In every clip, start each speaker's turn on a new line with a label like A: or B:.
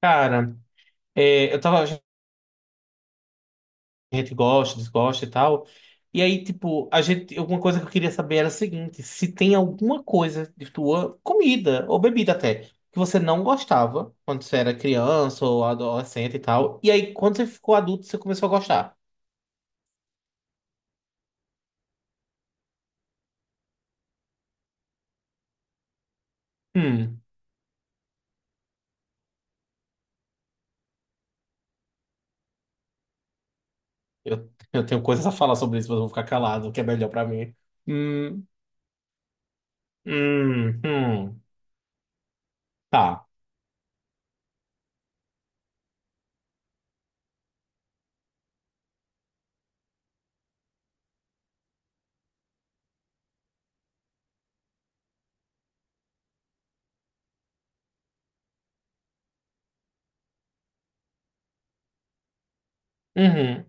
A: Cara, eu tava. A gente gosta, desgosta e tal. E aí, tipo, a gente. Alguma coisa que eu queria saber era o seguinte: se tem alguma coisa de tua comida, ou bebida até, que você não gostava quando você era criança ou adolescente e tal. E aí, quando você ficou adulto, você começou a gostar. Hum. Eu tenho coisas a falar sobre isso, mas eu vou ficar calado, o que é melhor pra mim. Hum, hum, hum. Tá. Uhum.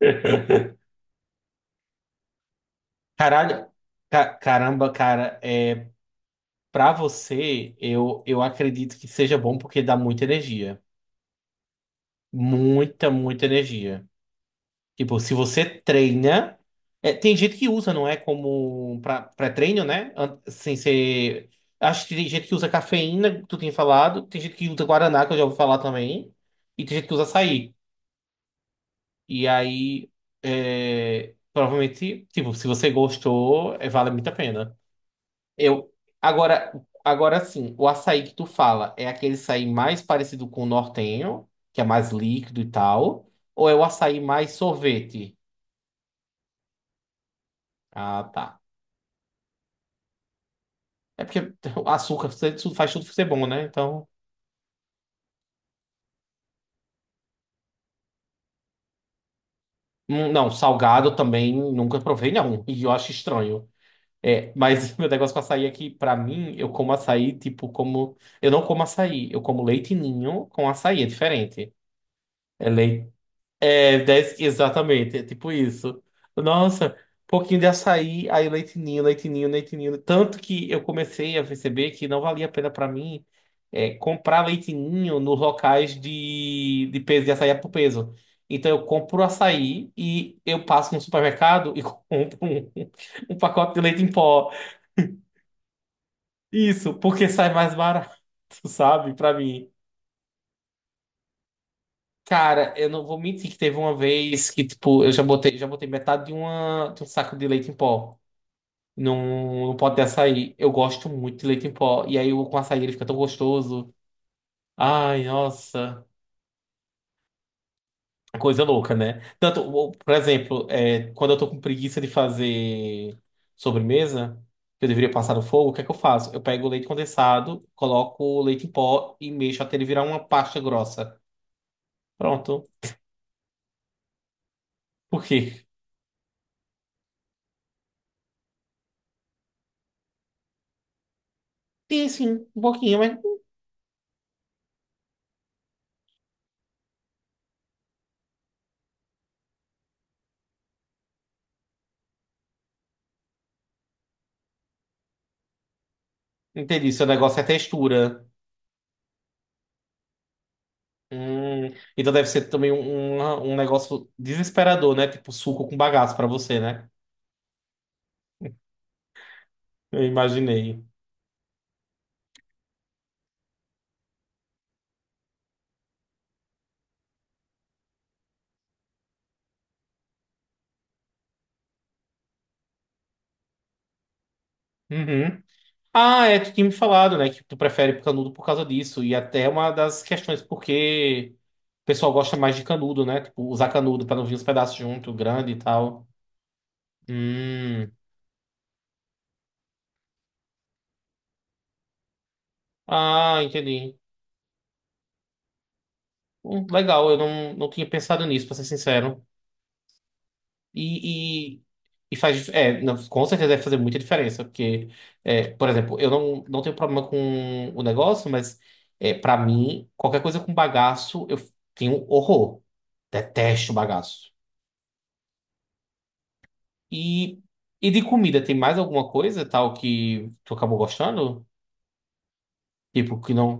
A: Caralho. Caramba, cara. Pra você, eu acredito que seja bom porque dá muita energia. Muita, muita energia. Tipo, se você treina. Tem gente que usa, não é? Como pré-treino, né? Sem ser. Acho que tem gente que usa cafeína, que tu tinha falado. Tem gente que usa guaraná, que eu já ouvi falar também. E tem gente que usa açaí. E aí. Provavelmente, tipo, se você gostou, vale muito a pena. Eu agora, agora sim, o açaí que tu fala é aquele açaí mais parecido com o nortenho, que é mais líquido e tal, ou é o açaí mais sorvete? Ah, tá. É porque o açúcar faz tudo ser bom, né? Então, não, salgado também nunca provei não, e eu acho estranho. É, mas meu negócio com açaí é que, pra mim, eu como açaí, tipo, como. Eu não como açaí, eu como leite ninho com açaí, é diferente. É leite. É, 10, exatamente, é tipo isso. Nossa, um pouquinho de açaí, aí leite ninho, leite ninho, leite ninho. Tanto que eu comecei a perceber que não valia a pena pra mim comprar leite ninho nos locais de peso, de açaí por peso. Então eu compro o açaí e eu passo no supermercado e compro um pacote de leite em pó. Isso, porque sai mais barato, sabe, pra mim. Cara, eu não vou mentir que teve uma vez que, tipo, eu já botei metade de um saco de leite em pó num pote de açaí. Eu gosto muito de leite em pó. E aí, com açaí, ele fica tão gostoso. Ai, nossa. Coisa louca, né? Tanto, por exemplo, quando eu tô com preguiça de fazer sobremesa, que eu deveria passar no fogo, o que é que eu faço? Eu pego o leite condensado, coloco o leite em pó e mexo até ele virar uma pasta grossa. Pronto. Por quê? E assim, um pouquinho, né? Entendi, seu negócio é textura. Hum, então deve ser também um negócio desesperador, né? Tipo suco com bagaço pra você, né? Eu imaginei. Uhum. Ah, é, tu tinha me falado, né? Que tu prefere canudo por causa disso. E até é uma das questões porque o pessoal gosta mais de canudo, né? Tipo, usar canudo pra não vir os pedaços junto, grande e tal. Hum. Ah, entendi. Legal, eu não tinha pensado nisso, pra ser sincero. E, e, e faz. É, não, com certeza deve fazer muita diferença, porque, por exemplo, eu não tenho problema com o negócio, mas para mim, qualquer coisa com bagaço, eu tenho horror. Detesto bagaço. E, e de comida, tem mais alguma coisa tal que tu acabou gostando? Tipo, que não.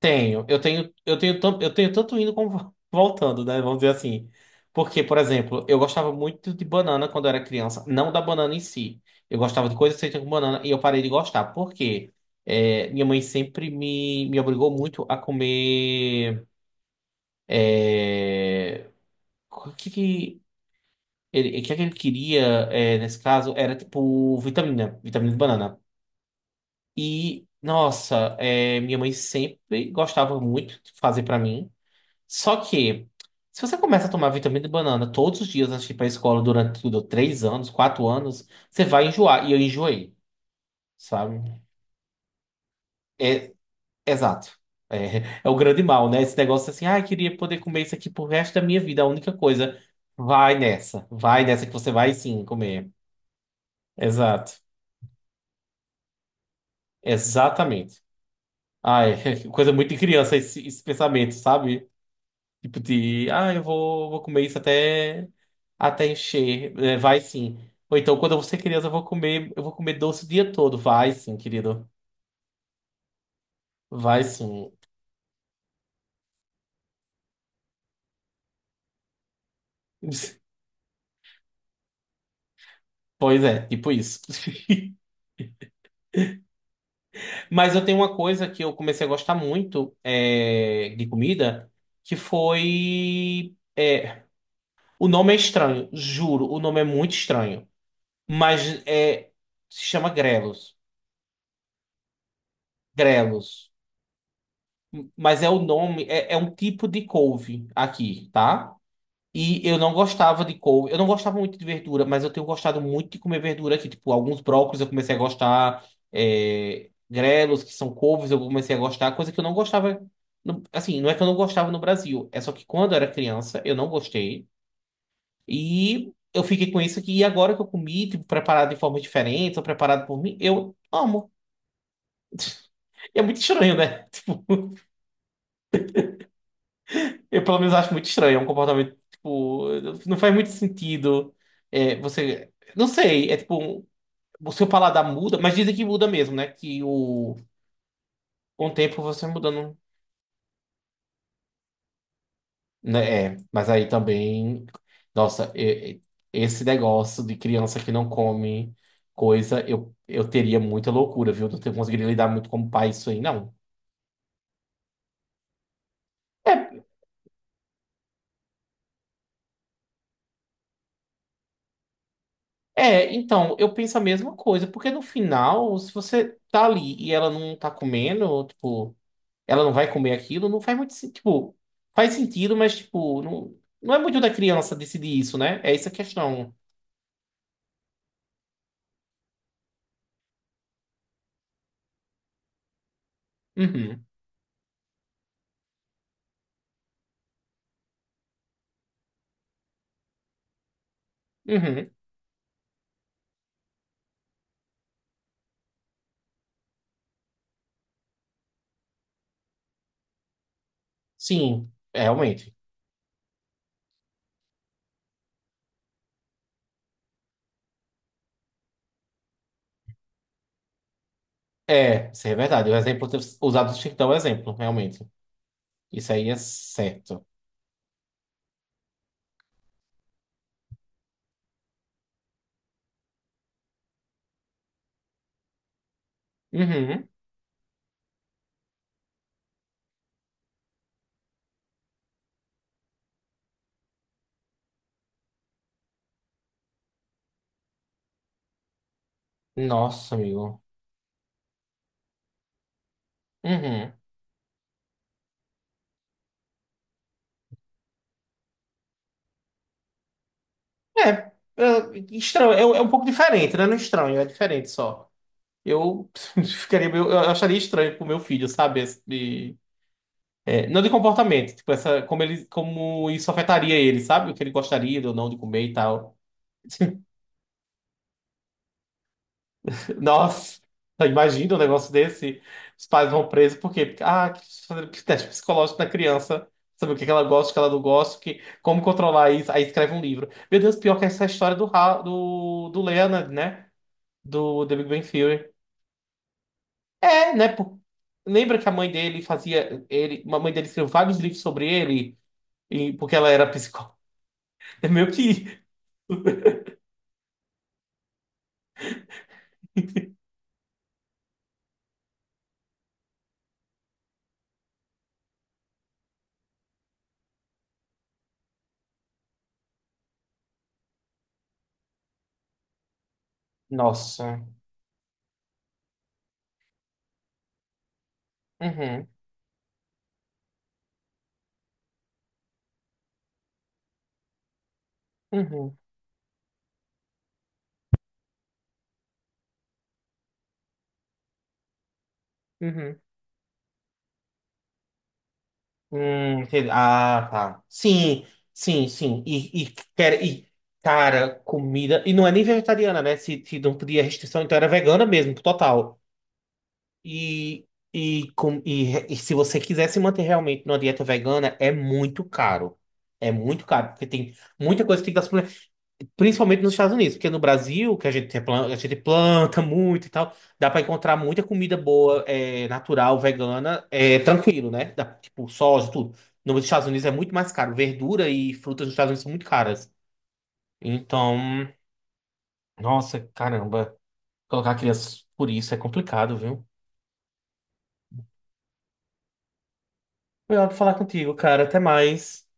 A: Tenho, eu tenho, eu tenho tanto indo como voltando, né? Vamos dizer assim. Porque, por exemplo, eu gostava muito de banana quando eu era criança, não da banana em si. Eu gostava de coisas feitas com banana e eu parei de gostar. Por quê? É, minha mãe sempre me obrigou muito a comer. é, o que que o que é que ele queria, nesse caso, era tipo vitamina de banana. E, nossa, minha mãe sempre gostava muito de fazer pra mim. Só que, se você começa a tomar vitamina de banana todos os dias antes de ir pra escola durante tudo, três anos, quatro anos, você vai enjoar. E eu enjoei, sabe? É, exato. É, é o grande mal, né? Esse negócio assim, ah, eu queria poder comer isso aqui pro resto da minha vida. A única coisa, vai nessa. Vai nessa que você vai sim comer. Exato. Exatamente. Ai, coisa muito de criança esse pensamento, sabe? Tipo de, ah, eu vou comer isso até encher. É, vai sim. Ou então, quando você ser criança, eu vou comer doce o dia todo. Vai sim, querido. Vai sim. Pois é, tipo isso. Mas eu tenho uma coisa que eu comecei a gostar muito de comida, que foi. O nome é estranho, juro, o nome é muito estranho. Mas é, se chama grelos. Grelos. Mas é o nome, é um tipo de couve aqui, tá? E eu não gostava de couve. Eu não gostava muito de verdura, mas eu tenho gostado muito de comer verdura aqui. Tipo, alguns brócolis eu comecei a gostar. Grelos, que são couves, eu comecei a gostar. Coisa que eu não gostava. Assim, não é que eu não gostava no Brasil. É só que quando eu era criança, eu não gostei. E eu fiquei com isso aqui. E agora que eu comi, tipo, preparado de forma diferente, ou preparado por mim, eu amo. E é muito estranho, né? Tipo. Eu, pelo menos, acho muito estranho. É um comportamento, tipo, não faz muito sentido. É, você. Não sei, é tipo. O seu paladar muda, mas dizem que muda mesmo, né? Com o tempo você vai mudando. Né? É, mas aí também. Nossa, esse negócio de criança que não come coisa, eu teria muita loucura, viu? Não ter conseguido lidar muito como pai isso aí, não. É, então, eu penso a mesma coisa, porque no final, se você tá ali e ela não tá comendo, tipo. Ela não vai comer aquilo, não faz muito sentido. Tipo, faz sentido, mas, tipo, não é muito da criança decidir isso, né? É essa a questão. Uhum, uhum. Sim, é, realmente. É, isso é verdade. O exemplo ter usado o Chiquitão é um exemplo, realmente. Isso aí é certo. Uhum. Nossa, amigo. Uhum. Estranho. É um pouco diferente, né? Não é estranho, é diferente só. Eu ficaria meio, eu acharia estranho pro meu filho, sabe? É, não de comportamento, tipo, como isso afetaria ele, sabe? O que ele gostaria ou não de comer e tal. Nossa, imagina um negócio desse. Os pais vão presos, por quê? Porque, ah, quis fazer teste psicológico na criança, saber o que que ela gosta, o que ela não gosta, como controlar isso. Aí escreve um livro. Meu Deus, pior que essa história do Leonard, né? Do The Big Bang Theory. É, né? Lembra que a mãe dele fazia. A mãe dele escreveu vários livros sobre ele, e, porque ela era psicóloga. É meio que. Nossa. Uhum, uhum, uhum. Entendi. Ah, tá. Sim, sim, sim. Cara, comida. E não é nem vegetariana, né? Se não podia restrição, então era vegana mesmo, total. E, e se você quiser se manter realmente numa dieta vegana, é muito caro. É muito caro, porque tem muita coisa que tem que dar. Principalmente nos Estados Unidos, porque no Brasil, que a gente planta muito e tal, dá pra encontrar muita comida boa, natural, vegana, tranquilo, né? Dá, tipo, soja, tudo. Nos Estados Unidos é muito mais caro. Verdura e frutas nos Estados Unidos são muito caras. Então, nossa, caramba, colocar crianças por isso é complicado, viu? Melhor falar contigo, cara. Até mais.